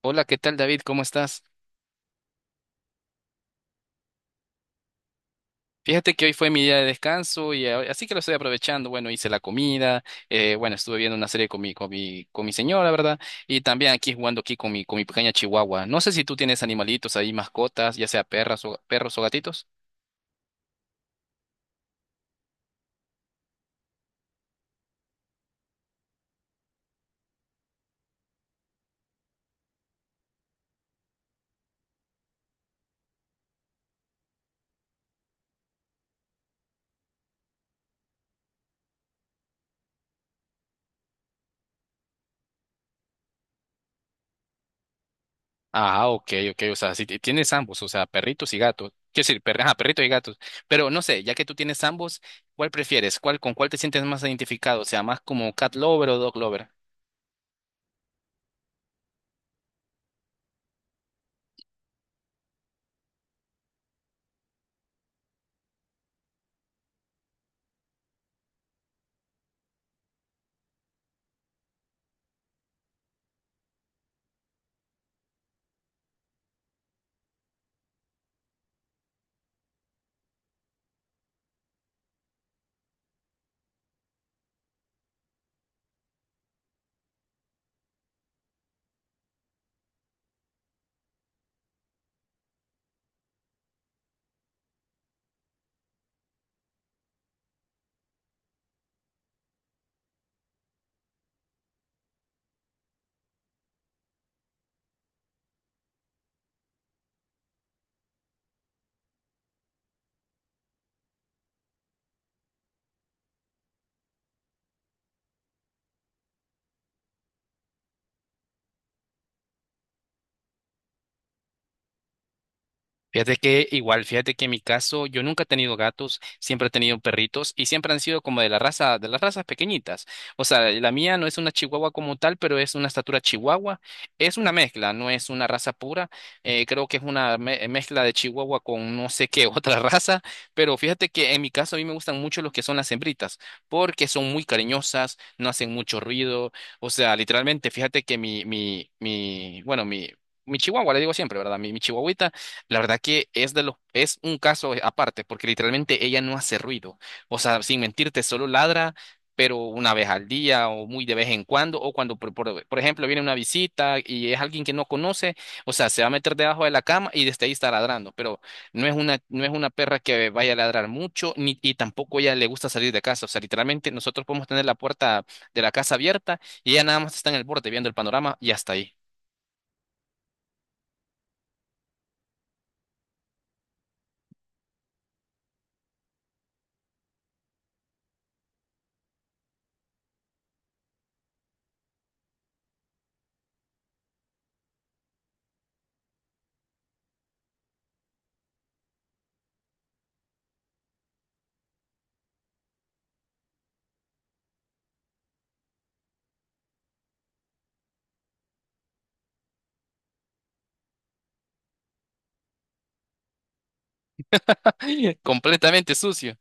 Hola, ¿qué tal David? ¿Cómo estás? Fíjate que hoy fue mi día de descanso y así que lo estoy aprovechando. Bueno, hice la comida, bueno, estuve viendo una serie con mi señora, ¿verdad? Y también aquí jugando aquí con mi pequeña chihuahua. No sé si tú tienes animalitos ahí, mascotas, ya sea perras o, perros o gatitos. Ah, ok, ok, o sea, si tienes ambos, o sea, perritos y gatos. Quiero decir, ajá, perritos y gatos. Pero no sé, ya que tú tienes ambos, ¿cuál prefieres? ¿Con cuál te sientes más identificado? O sea, más como cat lover o dog lover. Fíjate que igual, fíjate que en mi caso yo nunca he tenido gatos, siempre he tenido perritos y siempre han sido como de las razas pequeñitas. O sea, la mía no es una chihuahua como tal, pero es una estatura chihuahua. Es una mezcla, no es una raza pura. Creo que es una mezcla de chihuahua con no sé qué otra raza. Pero fíjate que en mi caso a mí me gustan mucho los que son las hembritas, porque son muy cariñosas, no hacen mucho ruido. O sea, literalmente, fíjate que mi chihuahua, le digo siempre, ¿verdad? Mi chihuahuita. La verdad que es de los, es un caso aparte, porque literalmente ella no hace ruido. O sea, sin mentirte, solo ladra, pero una vez al día o muy de vez en cuando, o cuando, por ejemplo, viene una visita y es alguien que no conoce, o sea, se va a meter debajo de la cama y desde ahí está ladrando, pero no es una perra que vaya a ladrar mucho, ni, y tampoco ella le gusta salir de casa. O sea, literalmente nosotros podemos tener la puerta de la casa abierta y ella nada más está en el borde viendo el panorama y hasta ahí. Completamente sucio.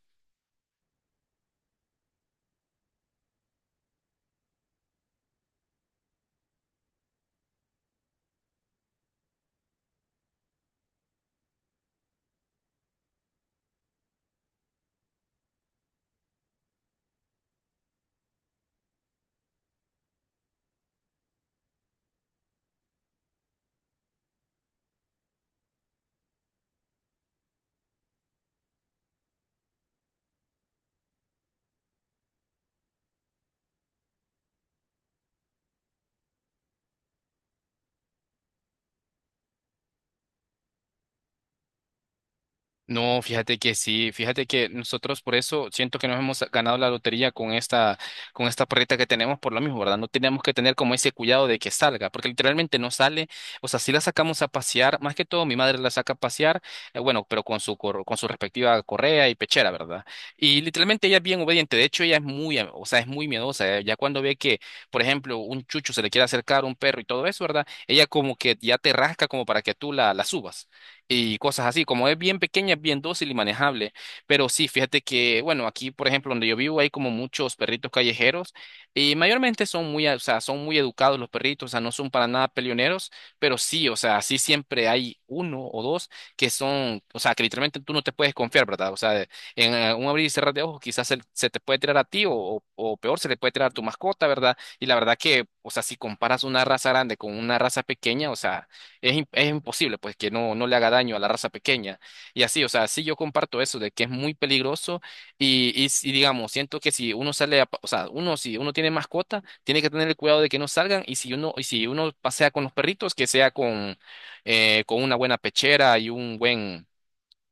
No, fíjate que sí, fíjate que nosotros por eso siento que nos hemos ganado la lotería con esta perrita que tenemos por lo mismo, ¿verdad? No tenemos que tener como ese cuidado de que salga, porque literalmente no sale, o sea, si la sacamos a pasear, más que todo mi madre la saca a pasear, bueno, pero con con su respectiva correa y pechera, ¿verdad? Y literalmente ella es bien obediente, de hecho ella es muy, o sea, es muy miedosa, ya cuando ve que, por ejemplo, un chucho se le quiere acercar a un perro y todo eso, ¿verdad? Ella como que ya te rasca como para que tú la subas y cosas así. Como es bien pequeña, es bien dócil y manejable. Pero sí, fíjate que, bueno, aquí, por ejemplo, donde yo vivo hay como muchos perritos callejeros y mayormente son muy, o sea, son muy educados los perritos, o sea, no son para nada peleoneros, pero sí, o sea, sí siempre hay uno o dos que son, o sea, que literalmente tú no te puedes confiar, ¿verdad? O sea, en un abrir y cerrar de ojos quizás se te puede tirar a ti o peor, se le puede tirar a tu mascota, ¿verdad? Y la verdad que, o sea, si comparas una raza grande con una raza pequeña, o sea, es imposible, pues, que no le haga daño a la raza pequeña. Y así, o sea, sí yo comparto eso de que es muy peligroso y, si, digamos, siento que si uno sale, o sea, uno, si uno tiene mascota, tiene que tener el cuidado de que no salgan y si uno pasea con los perritos, que sea con una buena pechera y un buen...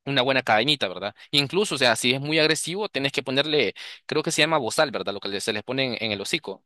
una buena cadenita, ¿verdad? Incluso, o sea, si es muy agresivo, tenés que ponerle, creo que se llama bozal, ¿verdad? Lo que se les pone en el hocico.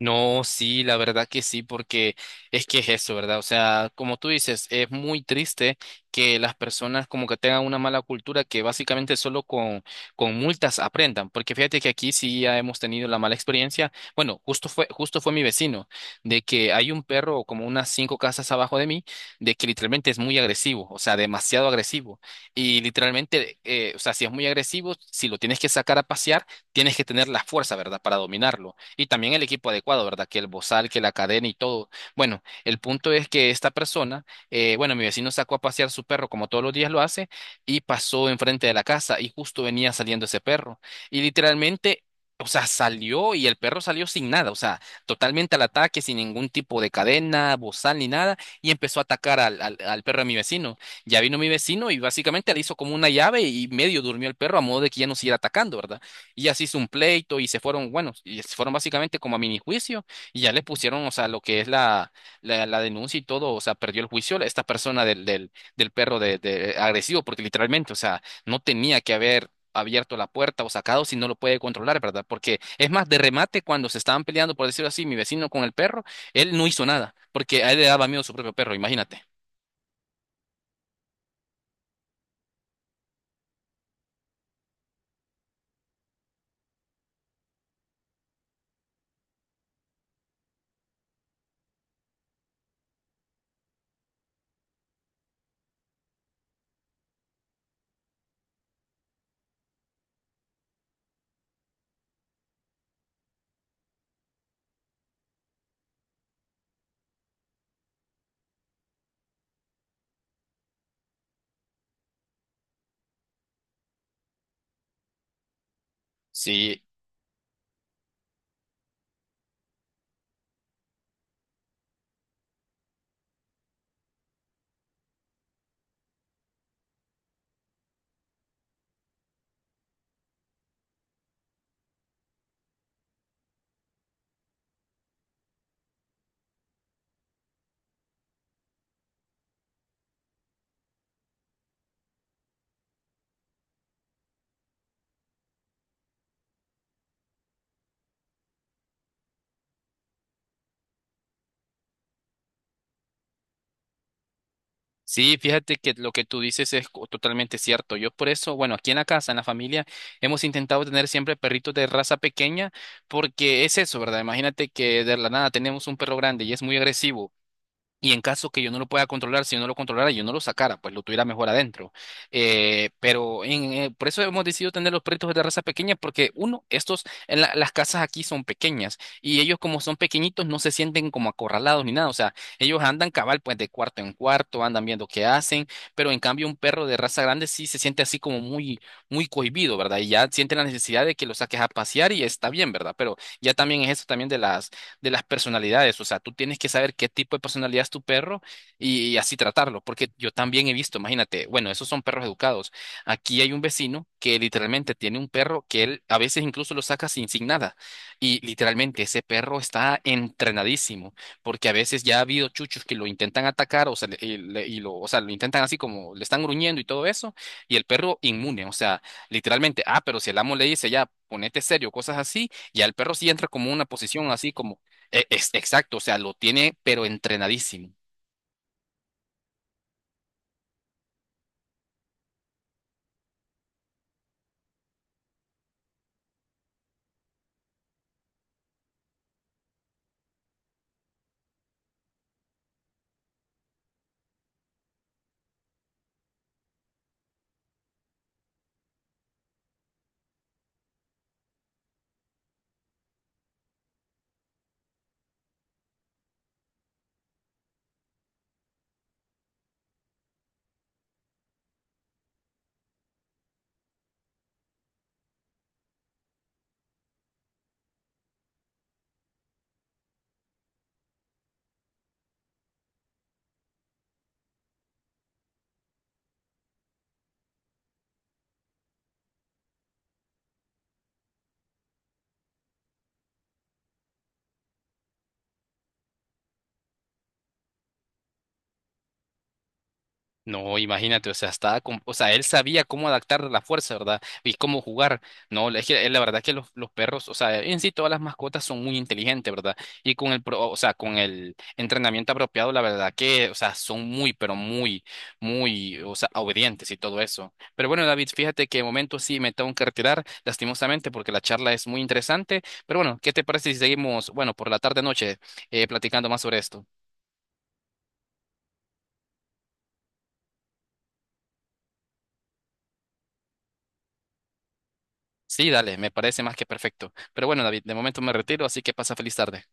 No, sí, la verdad que sí, porque es que es eso, ¿verdad? O sea, como tú dices, es muy triste que las personas como que tengan una mala cultura que básicamente solo con multas aprendan, porque fíjate que aquí sí ya hemos tenido la mala experiencia. Bueno, justo fue mi vecino, de que hay un perro como unas cinco casas abajo de mí, de que literalmente es muy agresivo, o sea, demasiado agresivo. Y literalmente, o sea, si es muy agresivo, si lo tienes que sacar a pasear, tienes que tener la fuerza, ¿verdad?, para dominarlo. Y también el equipo adecuado, ¿verdad? Que el bozal, que la cadena y todo. Bueno, el punto es que esta persona, bueno, mi vecino sacó a pasear su perro como todos los días lo hace y pasó enfrente de la casa y justo venía saliendo ese perro. Y literalmente... O sea, salió y el perro salió sin nada, o sea, totalmente al ataque, sin ningún tipo de cadena, bozal ni nada, y empezó a atacar al perro de mi vecino. Ya vino mi vecino y básicamente le hizo como una llave y medio durmió el perro a modo de que ya no siguiera atacando, ¿verdad? Y así hizo un pleito y se fueron, bueno, y se fueron básicamente como a mini juicio y ya le pusieron, o sea, lo que es la denuncia y todo, o sea, perdió el juicio esta persona del perro de agresivo, porque literalmente, o sea, no tenía que haber abierto la puerta o sacado si no lo puede controlar, ¿verdad? Porque es más, de remate, cuando se estaban peleando, por decirlo así, mi vecino con el perro, él no hizo nada, porque a él le daba miedo su propio perro, imagínate. Sí, Sí, fíjate que lo que tú dices es totalmente cierto. Yo por eso, bueno, aquí en la casa, en la familia, hemos intentado tener siempre perritos de raza pequeña porque es eso, ¿verdad? Imagínate que de la nada tenemos un perro grande y es muy agresivo y en caso que yo no lo pueda controlar, si yo no lo controlara, yo no lo sacara, pues lo tuviera mejor adentro. Por eso hemos decidido tener los perritos de raza pequeña, porque uno, estos, en las casas aquí son pequeñas y ellos como son pequeñitos no se sienten como acorralados ni nada. O sea, ellos andan cabal pues de cuarto en cuarto, andan viendo qué hacen, pero en cambio un perro de raza grande sí se siente así como muy, muy cohibido, ¿verdad? Y ya siente la necesidad de que lo saques a pasear y está bien, ¿verdad? Pero ya también es eso también de las personalidades. O sea, tú tienes que saber qué tipo de personalidad es tu perro y así tratarlo, porque yo también he visto, imagínate, bueno, esos son perros educados. Aquí hay un vecino que literalmente tiene un perro que él a veces incluso lo saca sin, sin nada. Y literalmente ese perro está entrenadísimo, porque a veces ya ha habido chuchos que lo intentan atacar, o sea, o sea, lo intentan así como le están gruñendo y todo eso, y el perro inmune, o sea, literalmente, ah, pero si el amo le dice ya, ponete serio, cosas así, ya el perro sí entra como una posición así como exacto, o sea, lo tiene, pero entrenadísimo. No, imagínate, o sea, o sea, él sabía cómo adaptar la fuerza, ¿verdad? Y cómo jugar. No, es que la verdad que los perros, o sea, en sí todas las mascotas son muy inteligentes, ¿verdad? Y con o sea, con el entrenamiento apropiado, la verdad que, o sea, son muy, pero muy, muy, o sea, obedientes y todo eso. Pero bueno, David, fíjate que de momento sí me tengo que retirar, lastimosamente, porque la charla es muy interesante. Pero bueno, ¿qué te parece si seguimos, bueno, por la tarde-noche, platicando más sobre esto? Sí, dale, me parece más que perfecto. Pero bueno, David, de momento me retiro, así que pasa feliz tarde.